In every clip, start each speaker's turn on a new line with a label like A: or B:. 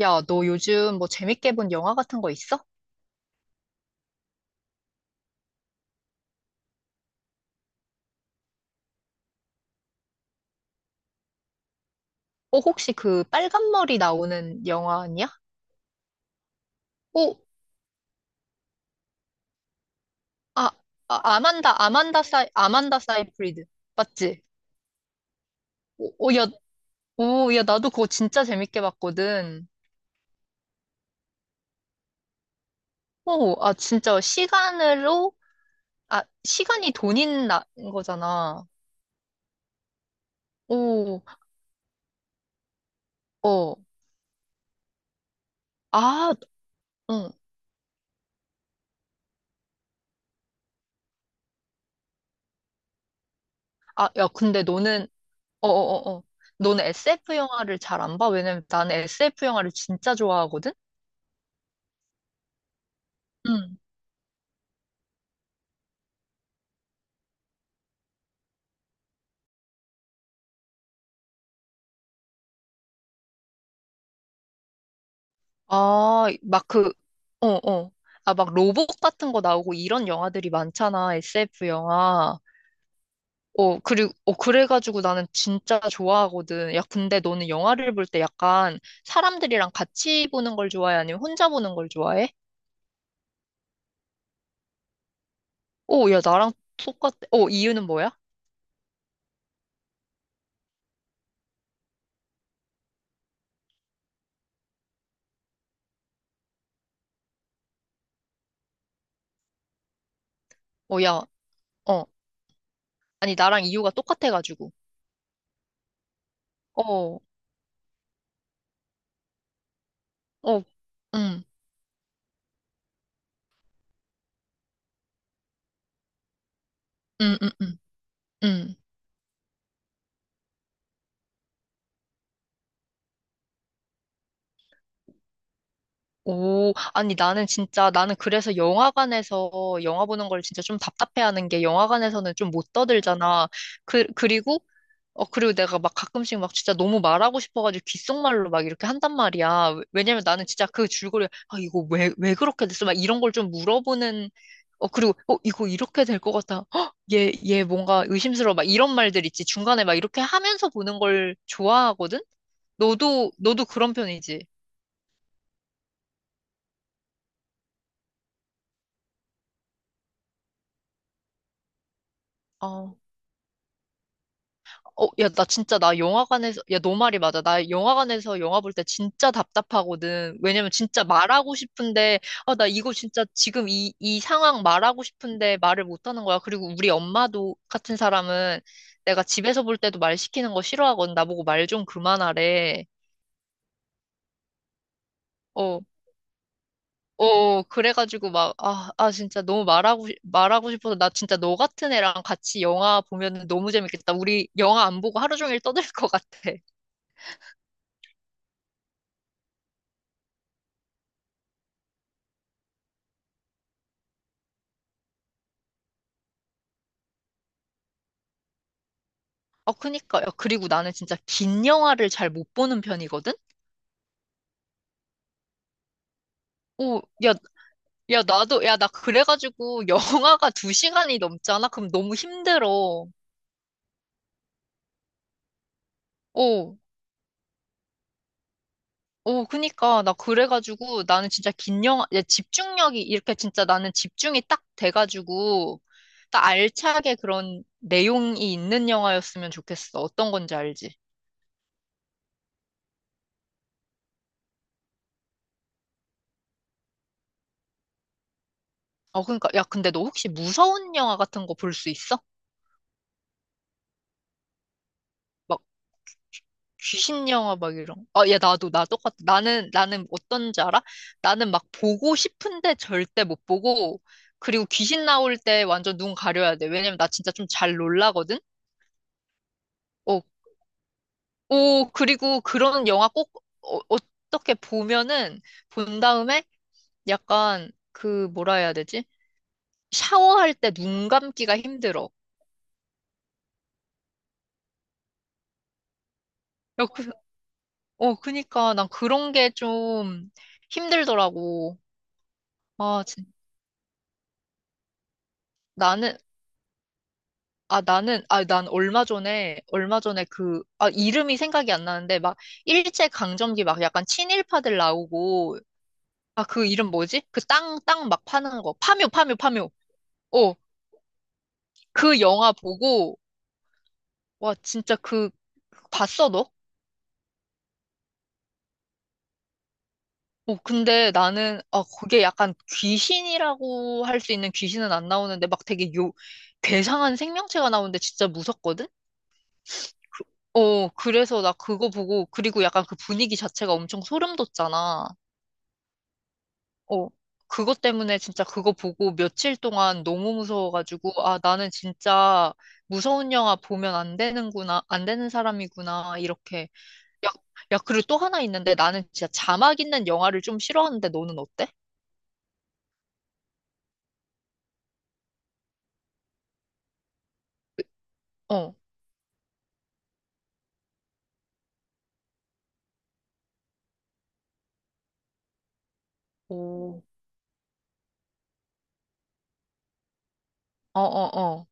A: 야, 너 요즘 뭐 재밌게 본 영화 같은 거 있어? 어, 혹시 그 빨간 머리 나오는 영화 아니야? 어, 아, 아만다 사이프리드. 맞지? 오, 야, 오, 야, 나도 그거 진짜 재밌게 봤거든. 오, 아, 진짜 시간으로, 아, 시간이 돈인 거잖아. 오, 어, 아, 응. 아, 야, 근데 너는, 어, 어, 어, 어. 너는 SF 영화를 잘 안 봐? 왜냐면 나는 SF 영화를 진짜 좋아하거든? 응. 아, 막 그, 어, 어. 아, 막 로봇 같은 거 나오고 이런 영화들이 많잖아, SF 영화. 어, 그리고, 어, 그래가지고 나는 진짜 좋아하거든. 야, 근데 너는 영화를 볼 때 약간 사람들이랑 같이 보는 걸 좋아해? 아니면 혼자 보는 걸 좋아해? 어, 야, 나랑 똑같, 어, 이유는 뭐야? 어, 야, 어. 아니, 나랑 이유가 똑같아가지고. 어, 어, 음, 음, 음, 음, 음. 오, 아니 나는 진짜 나는 그래서 영화관에서 영화 보는 걸 진짜 좀 답답해하는 게 영화관에서는 좀 못 떠들잖아. 그리고 어 그리고 내가 막 가끔씩 막 진짜 너무 말하고 싶어가지고 귓속말로 막 이렇게 한단 말이야. 왜냐면 나는 진짜 그 줄거리 아 이거 왜 그렇게 됐어? 막 이런 걸 좀 물어보는 어 그리고 어 이거 이렇게 될 것 같아. 헉, 얘얘 뭔가 의심스러워. 막 이런 말들 있지. 중간에 막 이렇게 하면서 보는 걸 좋아하거든. 너도 그런 편이지. 아. 어, 야, 나 영화관에서, 야, 너 말이 맞아. 나 영화관에서 영화 볼 때 진짜 답답하거든. 왜냐면 진짜 말하고 싶은데, 아, 나 이거 진짜 지금 이 상황 말하고 싶은데 말을 못 하는 거야. 그리고 우리 엄마도 같은 사람은 내가 집에서 볼 때도 말 시키는 거 싫어하거든. 나보고 말 좀 그만하래. 어, 어, 그래가지고 막, 아, 아, 진짜 너무 말하고, 말하고 싶어서 나 진짜 너 같은 애랑 같이 영화 보면 너무 재밌겠다. 우리 영화 안 보고 하루 종일 떠들 것 같아. 어, 그니까. 요 그리고 나는 진짜 긴 영화를 잘 못 보는 편이거든? 오, 야, 야, 나도, 야, 나 그래가지고 영화가 두 시간이 넘잖아? 그럼 너무 힘들어. 오, 오, 그니까. 나 그래가지고 나는 진짜 긴 영화, 야, 집중력이 이렇게 진짜 나는 집중이 딱 돼가지고, 딱 알차게 그런 내용이 있는 영화였으면 좋겠어. 어떤 건지 알지? 어, 그니까. 야, 근데 너 혹시 무서운 영화 같은 거 볼 수 있어? 막 귀신 영화 막 이런. 아, 야, 나도, 나 똑같아. 나는 어떤지 알아? 나는 막 보고 싶은데 절대 못 보고, 그리고 귀신 나올 때 완전 눈 가려야 돼. 왜냐면 나 진짜 좀 잘 놀라거든? 어, 오, 그리고 그런 영화 꼭, 어, 어떻게 보면은, 본 다음에 약간, 그, 뭐라 해야 되지? 샤워할 때 눈 감기가 힘들어. 야, 그, 어, 그니까 난 그런 게 좀 힘들더라고. 아, 진, 나는, 아, 난 얼마 전에 그, 아, 이름이 생각이 안 나는데, 막, 일제강점기 막 약간 친일파들 나오고, 아, 그 이름 뭐지? 그 땅 막 파는 거. 파묘, 파묘, 파묘. 어, 그 영화 보고, 와, 진짜 그, 봤어, 너? 어, 근데 나는, 아, 그게 약간 귀신이라고 할 수 있는 귀신은 안 나오는데, 막 되게 요, 괴상한 생명체가 나오는데 진짜 무섭거든? 어, 그래서 나 그거 보고, 그리고 약간 그 분위기 자체가 엄청 소름 돋잖아. 어, 그것 때문에 진짜 그거 보고 며칠 동안 너무 무서워가지고, 아, 나는 진짜 무서운 영화 보면 안 되는구나, 안 되는 사람이구나, 이렇게. 야, 야, 그리고 또 하나 있는데 나는 진짜 자막 있는 영화를 좀 싫어하는데 너는 어때? 어, 오, 어, 어, 어.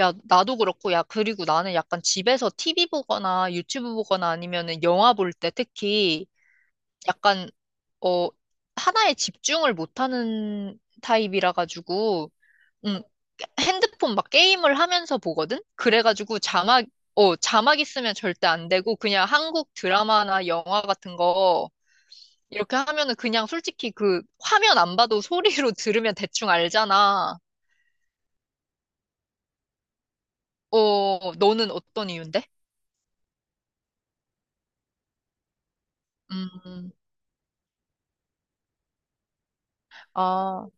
A: 야, 나도 그렇고, 야, 그리고 나는 약간 집에서 TV 보거나 유튜브 보거나 아니면은 영화 볼 때 특히 약간, 어, 하나에 집중을 못하는 타입이라 가지고, 음, 핸드폰 막 게임을 하면서 보거든? 그래가지고 자막, 어, 자막 있으면 절대 안 되고 그냥 한국 드라마나 영화 같은 거 이렇게 하면은 그냥 솔직히 그 화면 안 봐도 소리로 들으면 대충 알잖아. 어, 너는 어떤 이유인데? 음, 아,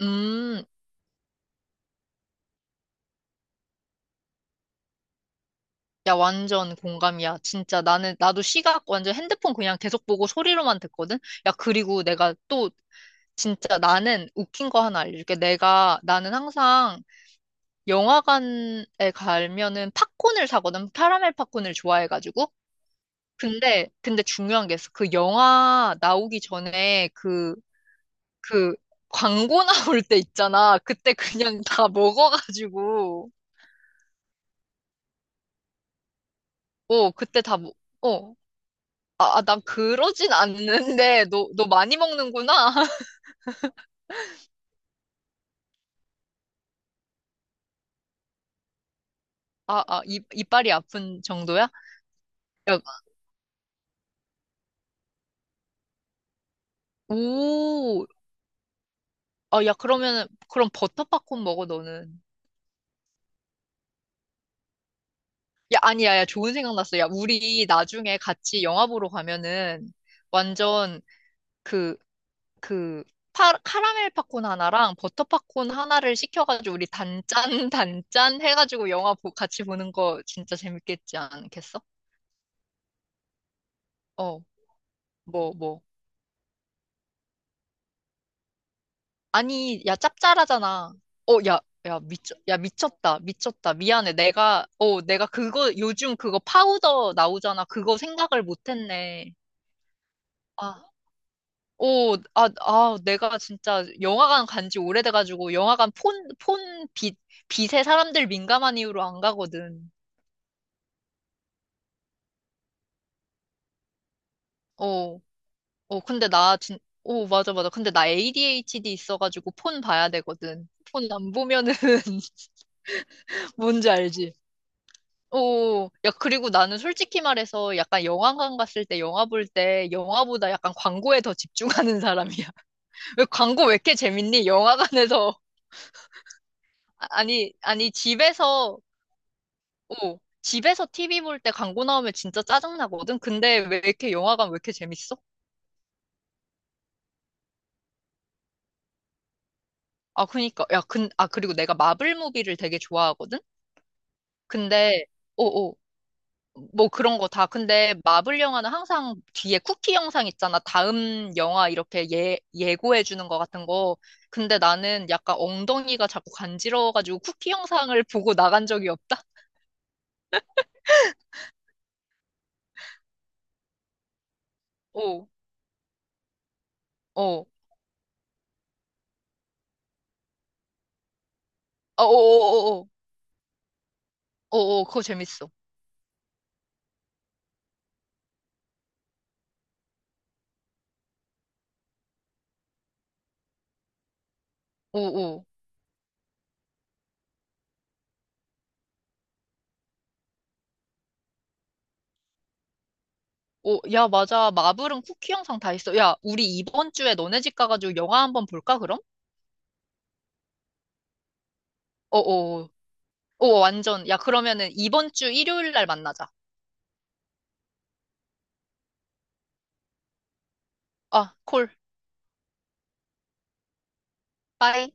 A: 음. 야, 완전 공감이야. 진짜 나는, 나도 시각 완전 핸드폰 그냥 계속 보고 소리로만 듣거든? 야, 그리고 내가 또 진짜 나는 웃긴 거 하나 알려줄게. 내가, 나는 항상 영화관에 가면은 팝콘을 사거든. 카라멜 팝콘을 좋아해가지고. 근데 중요한 게 있어. 그 영화 나오기 전에 그, 그 광고 나올 때 있잖아. 그때 그냥 다 먹어가지고. 어, 그때 다, 먹- 어. 아, 아, 난 그러진 않는데, 너, 너 많이 먹는구나. 아, 아, 입, 이빨이 아픈 정도야? 야, 오, 아, 야, 그러면은, 그럼 버터 팝콘 먹어, 너는. 야, 아니야, 야, 좋은 생각 났어. 야, 우리 나중에 같이 영화 보러 가면은 완전 그, 그, 파, 카라멜 팝콘 하나랑 버터 팝콘 하나를 시켜가지고 우리 단짠, 단짠 해가지고 영화 보, 같이 보는 거 진짜 재밌겠지 않겠어? 어, 뭐? 아니, 야, 짭짤하잖아. 어, 야, 야, 미쳐, 야, 미쳤다, 미쳤다. 미안해. 내가, 어, 내가 그거, 요즘 그거 파우더 나오잖아. 그거 생각을 못했네. 아. 오, 아, 아, 내가 진짜 영화관 간지 오래돼가지고 영화관 폰, 빛에 사람들 민감한 이유로 안 가거든. 어, 어, 근데 나 진, 오, 맞아, 맞아. 근데 나 ADHD 있어가지고 폰 봐야 되거든. 폰 안 보면은 뭔지 알지? 오, 야, 그리고 나는 솔직히 말해서 약간 영화관 갔을 때 영화 볼 때 영화보다 약간 광고에 더 집중하는 사람이야. 왜 광고 왜 이렇게 재밌니? 영화관에서. 아- 아니, 아니, 집에서 어, 집에서 TV 볼 때 광고 나오면 진짜 짜증나거든? 근데 왜 이렇게 재밌어? 아, 그니까. 야, 근, 아, 그리고 내가 마블 무비를 되게 좋아하거든? 근데, 어, 어, 뭐 그런 거 다. 근데 마블 영화는 항상 뒤에 쿠키 영상 있잖아. 다음 영화 이렇게 예, 예고해 주는 거 같은 거. 근데 나는 약간 엉덩이가 자꾸 간지러워가지고 쿠키 영상을 보고 나간 적이 없다? 어, 어, 어, 어, 어, 어, 어, 어, 어, 그거 재밌어. 어, 어. 오, 야, 맞아. 마블은 쿠키 영상 다 있어. 야, 우리 이번 주에 너네 집 가가지고 영화 한번 볼까, 그럼? 어어. 어, 어, 어, 완전. 야, 그러면은 이번 주 일요일 날 만나자. 아, 콜. 빠이.